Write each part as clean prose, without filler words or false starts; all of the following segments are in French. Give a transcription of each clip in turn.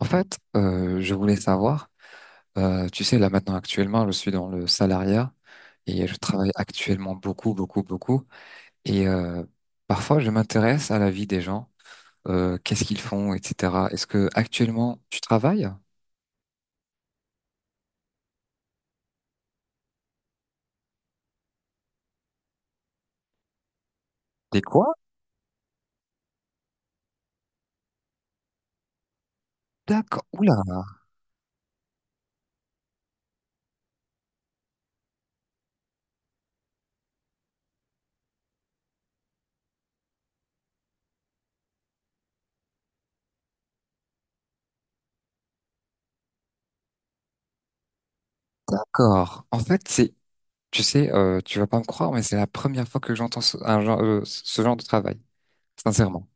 En fait, je voulais savoir, tu sais, là maintenant actuellement, je suis dans le salariat et je travaille actuellement beaucoup, beaucoup, beaucoup. Et parfois, je m'intéresse à la vie des gens, qu'est-ce qu'ils font, etc. Est-ce que actuellement tu travailles? T'es quoi? D'accord. Oula, d'accord. En fait, c'est, tu sais, tu vas pas me croire, mais c'est la première fois que j'entends ce, un genre, ce genre de travail, sincèrement.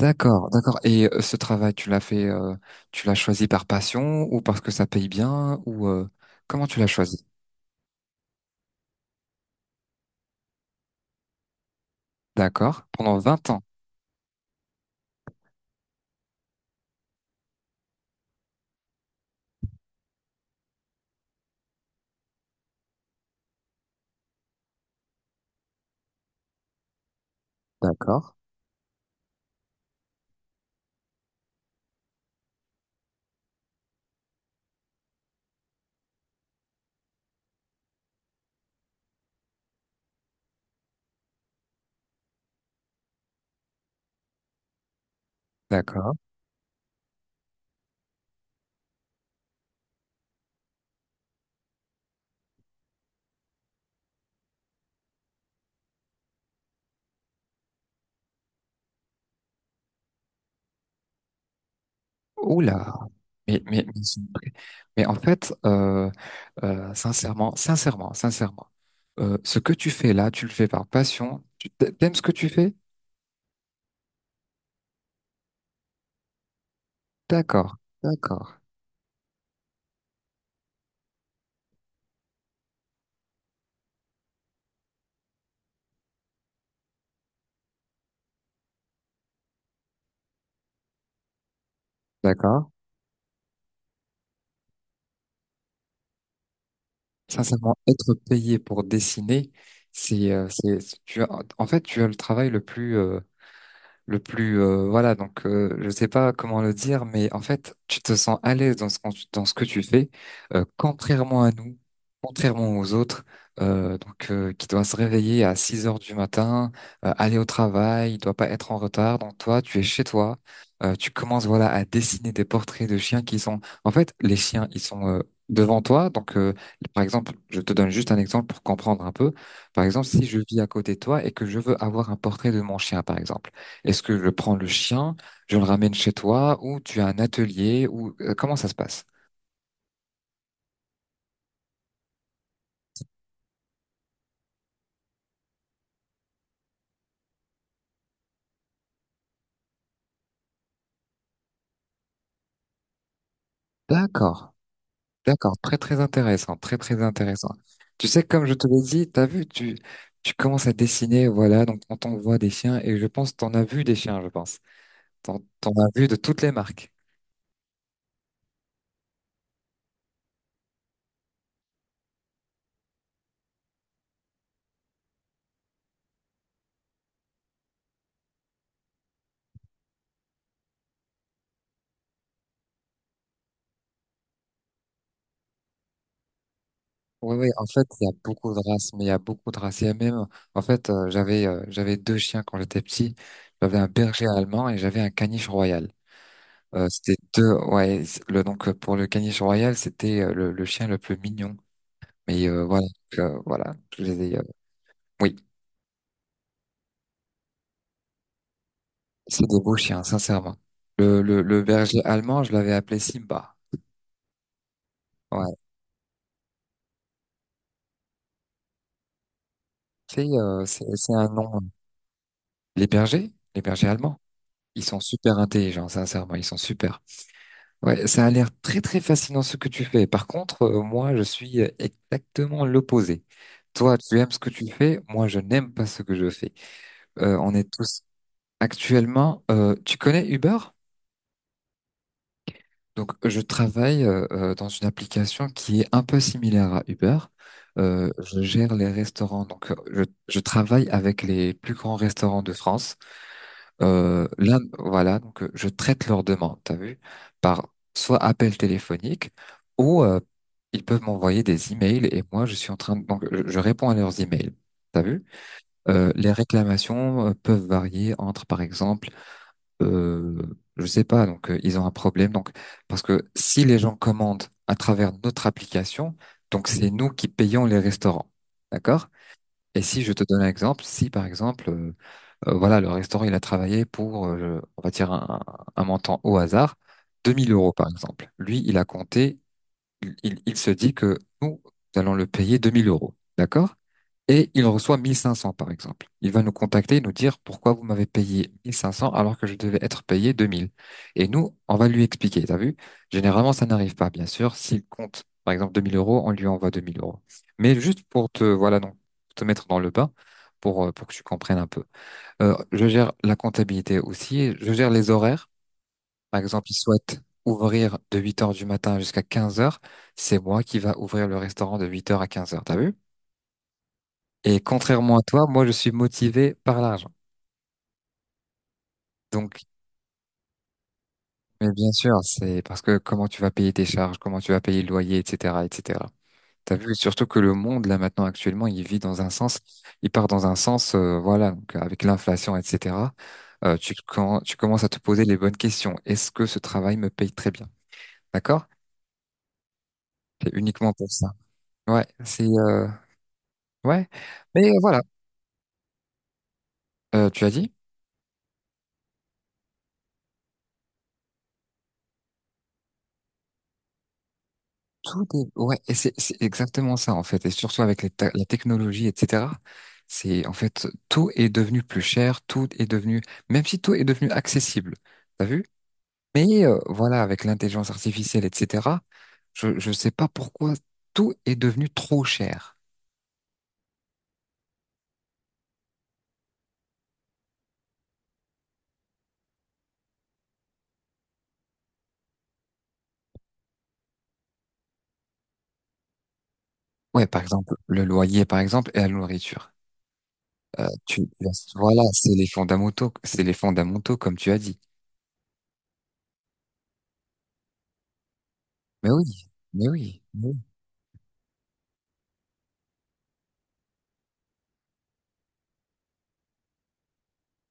D'accord, d'accord. Et ce travail, tu l'as fait, tu l'as choisi par passion ou parce que ça paye bien ou comment tu l'as choisi? D'accord. Pendant vingt ans. D'accord, d'accord. Oula. Mais, c'est vrai. Mais en fait, sincèrement, sincèrement, sincèrement, ce que tu fais là, tu le fais par passion. T'aimes ce que tu fais? D'accord, d'accord, d'accord. Sincèrement, être payé pour dessiner, c'est tu as, en fait tu as le travail le plus voilà donc je sais pas comment le dire mais en fait tu te sens à l'aise dans dans ce que tu fais contrairement à nous, contrairement aux autres, donc qui doit se réveiller à 6 heures du matin, aller au travail, il doit pas être en retard, donc toi tu es chez toi, tu commences, voilà, à dessiner des portraits de chiens qui sont, en fait les chiens ils sont, devant toi, donc par exemple je te donne juste un exemple pour comprendre un peu. Par exemple si je vis à côté de toi et que je veux avoir un portrait de mon chien, par exemple, est-ce que je prends le chien, je le ramène chez toi, ou tu as un atelier, ou comment ça se passe? D'accord, d'accord, très très intéressant, très très intéressant. Tu sais, comme je te l'ai dit, t'as vu, tu commences à dessiner, voilà, donc on t'envoie des chiens, et je pense t'en as vu des chiens, je pense. T'en as vu de toutes les marques. Oui, oui, en fait, il y a beaucoup de races, mais il y a beaucoup de races. Il y a même, en fait, j'avais j'avais deux chiens quand j'étais petit. J'avais un berger allemand et j'avais un caniche royal. C'était deux, ouais, le, donc pour le caniche royal, c'était le, chien le plus mignon. Mais voilà, donc, voilà, je les ai, oui, c'est des beaux chiens, sincèrement. Le berger allemand, je l'avais appelé Simba. Ouais, c'est un nom. Les bergers allemands, ils sont super intelligents, sincèrement, ils sont super. Ouais, ça a l'air très très fascinant ce que tu fais. Par contre, moi, je suis exactement l'opposé. Toi, tu aimes ce que tu fais, moi, je n'aime pas ce que je fais. On est tous. Actuellement, tu connais Uber? Donc, je travaille dans une application qui est un peu similaire à Uber. Je gère les restaurants, donc je travaille avec les plus grands restaurants de France. Là, voilà, donc je traite leurs demandes, t'as vu, par soit appel téléphonique ou ils peuvent m'envoyer des emails et moi, je suis en train de, donc je réponds à leurs emails, t'as vu. Les réclamations peuvent varier entre, par exemple, euh, je sais pas. Donc, ils ont un problème. Donc, parce que si les gens commandent à travers notre application, donc c'est nous qui payons les restaurants, d'accord? Et si je te donne un exemple, si par exemple, voilà, le restaurant il a travaillé pour, on va dire un montant au hasard, 2000 euros par exemple. Lui, il a compté, il se dit que nous allons le payer 2000 euros, d'accord? Et il reçoit 1500, par exemple. Il va nous contacter et nous dire pourquoi vous m'avez payé 1500 alors que je devais être payé 2000. Et nous, on va lui expliquer, t'as vu? Généralement, ça n'arrive pas, bien sûr. S'il compte, par exemple, 2000 euros, on lui envoie 2000 euros. Mais juste pour te, voilà, donc, te mettre dans le bain, pour que tu comprennes un peu. Je gère la comptabilité aussi, je gère les horaires. Par exemple, il souhaite ouvrir de 8 heures du matin jusqu'à 15 heures. C'est moi qui va ouvrir le restaurant de 8 heures à 15 heures. T'as vu? Et contrairement à toi, moi, je suis motivé par l'argent. Donc, mais bien sûr, c'est parce que comment tu vas payer tes charges, comment tu vas payer le loyer, etc., etc. T'as vu? Surtout que le monde, là, maintenant, actuellement, il vit dans un sens, il part dans un sens, voilà, donc, avec l'inflation, etc. Tu, tu commences à te poser les bonnes questions. Est-ce que ce travail me paye très bien? D'accord? C'est uniquement pour ça. Ouais, c'est ouais, mais voilà, tu as dit, tout est, ouais, et c'est exactement ça en fait, et surtout avec la technologie, etc. C'est en fait tout est devenu plus cher, tout est devenu, même si tout est devenu accessible. T'as vu? Mais voilà, avec l'intelligence artificielle, etc., je sais pas pourquoi tout est devenu trop cher. Ouais, par exemple, le loyer, par exemple, et la nourriture. Tu, voilà, c'est les fondamentaux, comme tu as dit. Mais oui, mais oui.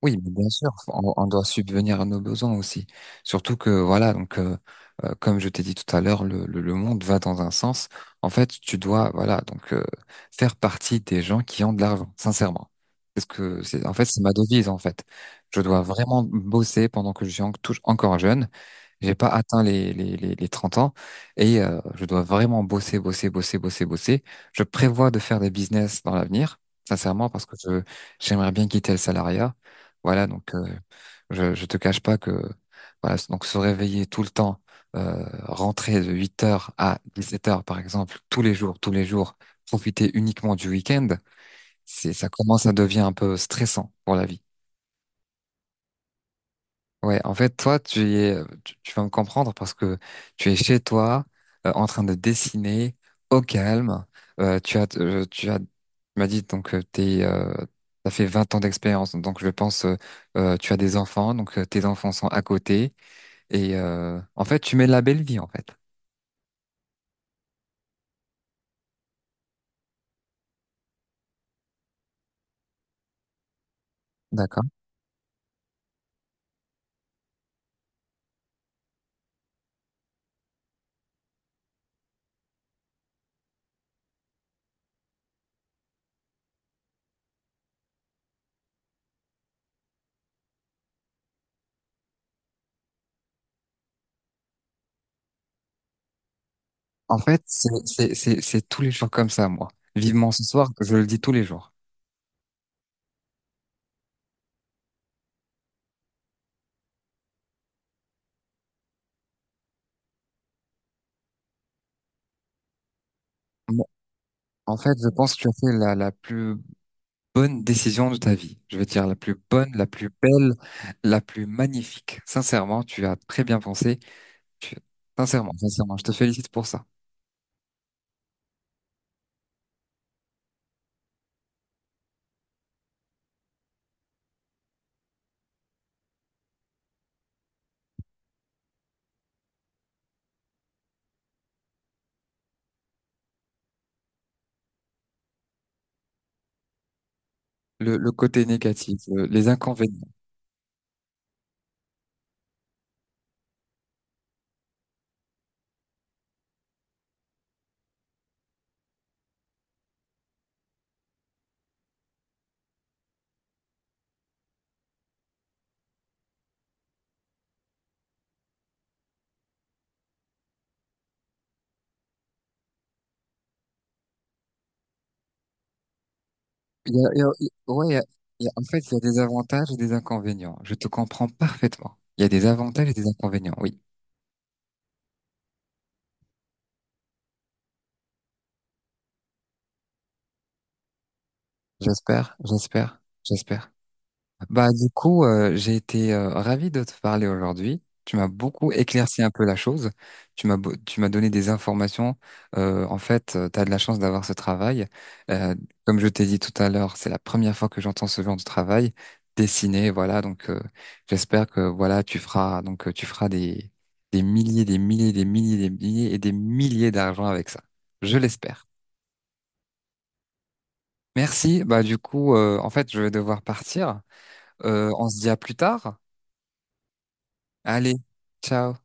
Oui, mais bien sûr, on doit subvenir à nos besoins aussi. Surtout que voilà, donc comme je t'ai dit tout à l'heure, le monde va dans un sens. En fait, tu dois voilà donc faire partie des gens qui ont de l'argent, sincèrement. Parce que c'est en fait c'est ma devise en fait. Je dois vraiment bosser pendant que je suis encore jeune. J'ai pas atteint les 30 ans et je dois vraiment bosser, bosser, bosser, bosser, bosser. Je prévois de faire des business dans l'avenir, sincèrement, parce que j'aimerais bien quitter le salariat. Voilà, donc je te cache pas que voilà, donc se réveiller tout le temps, rentrer de 8 heures à 17 heures, par exemple, tous les jours, profiter uniquement du week-end, ça commence à devenir un peu stressant pour la vie. Ouais, en fait, toi, tu y es, tu vas me comprendre parce que tu es chez toi, en train de dessiner au calme. Tu as, tu m'as dit donc t'as fait 20 ans d'expérience, donc je pense, tu as des enfants, donc tes enfants sont à côté et en fait, tu mets la belle vie en fait. D'accord. En fait, c'est tous les jours comme ça, moi. Vivement ce soir, je le dis tous les jours. Bon, en fait, je pense que tu as fait la plus bonne décision de ta vie. Je veux dire la plus bonne, la plus belle, la plus magnifique. Sincèrement, tu as très bien pensé. Tu- Sincèrement, sincèrement, je te félicite pour ça. Le côté négatif, les inconvénients. Il y a, il y a- il- Ouais, en fait, il y a des avantages et des inconvénients. Je te comprends parfaitement. Il y a des avantages et des inconvénients. Oui, j'espère, j'espère, j'espère. Bah, du coup, j'ai été ravi de te parler aujourd'hui. Tu m'as beaucoup éclairci un peu la chose. Tu m'as donné des informations. En fait, tu as de la chance d'avoir ce travail. Euh, Comme je t'ai dit tout à l'heure, c'est la première fois que j'entends ce genre de travail dessiné. Voilà, donc j'espère que voilà, tu feras donc tu feras des milliers, des milliers, des milliers, des milliers et des milliers d'argent avec ça. Je l'espère. Merci. Bah, du coup, en fait, je vais devoir partir. On se dit à plus tard. Allez, ciao.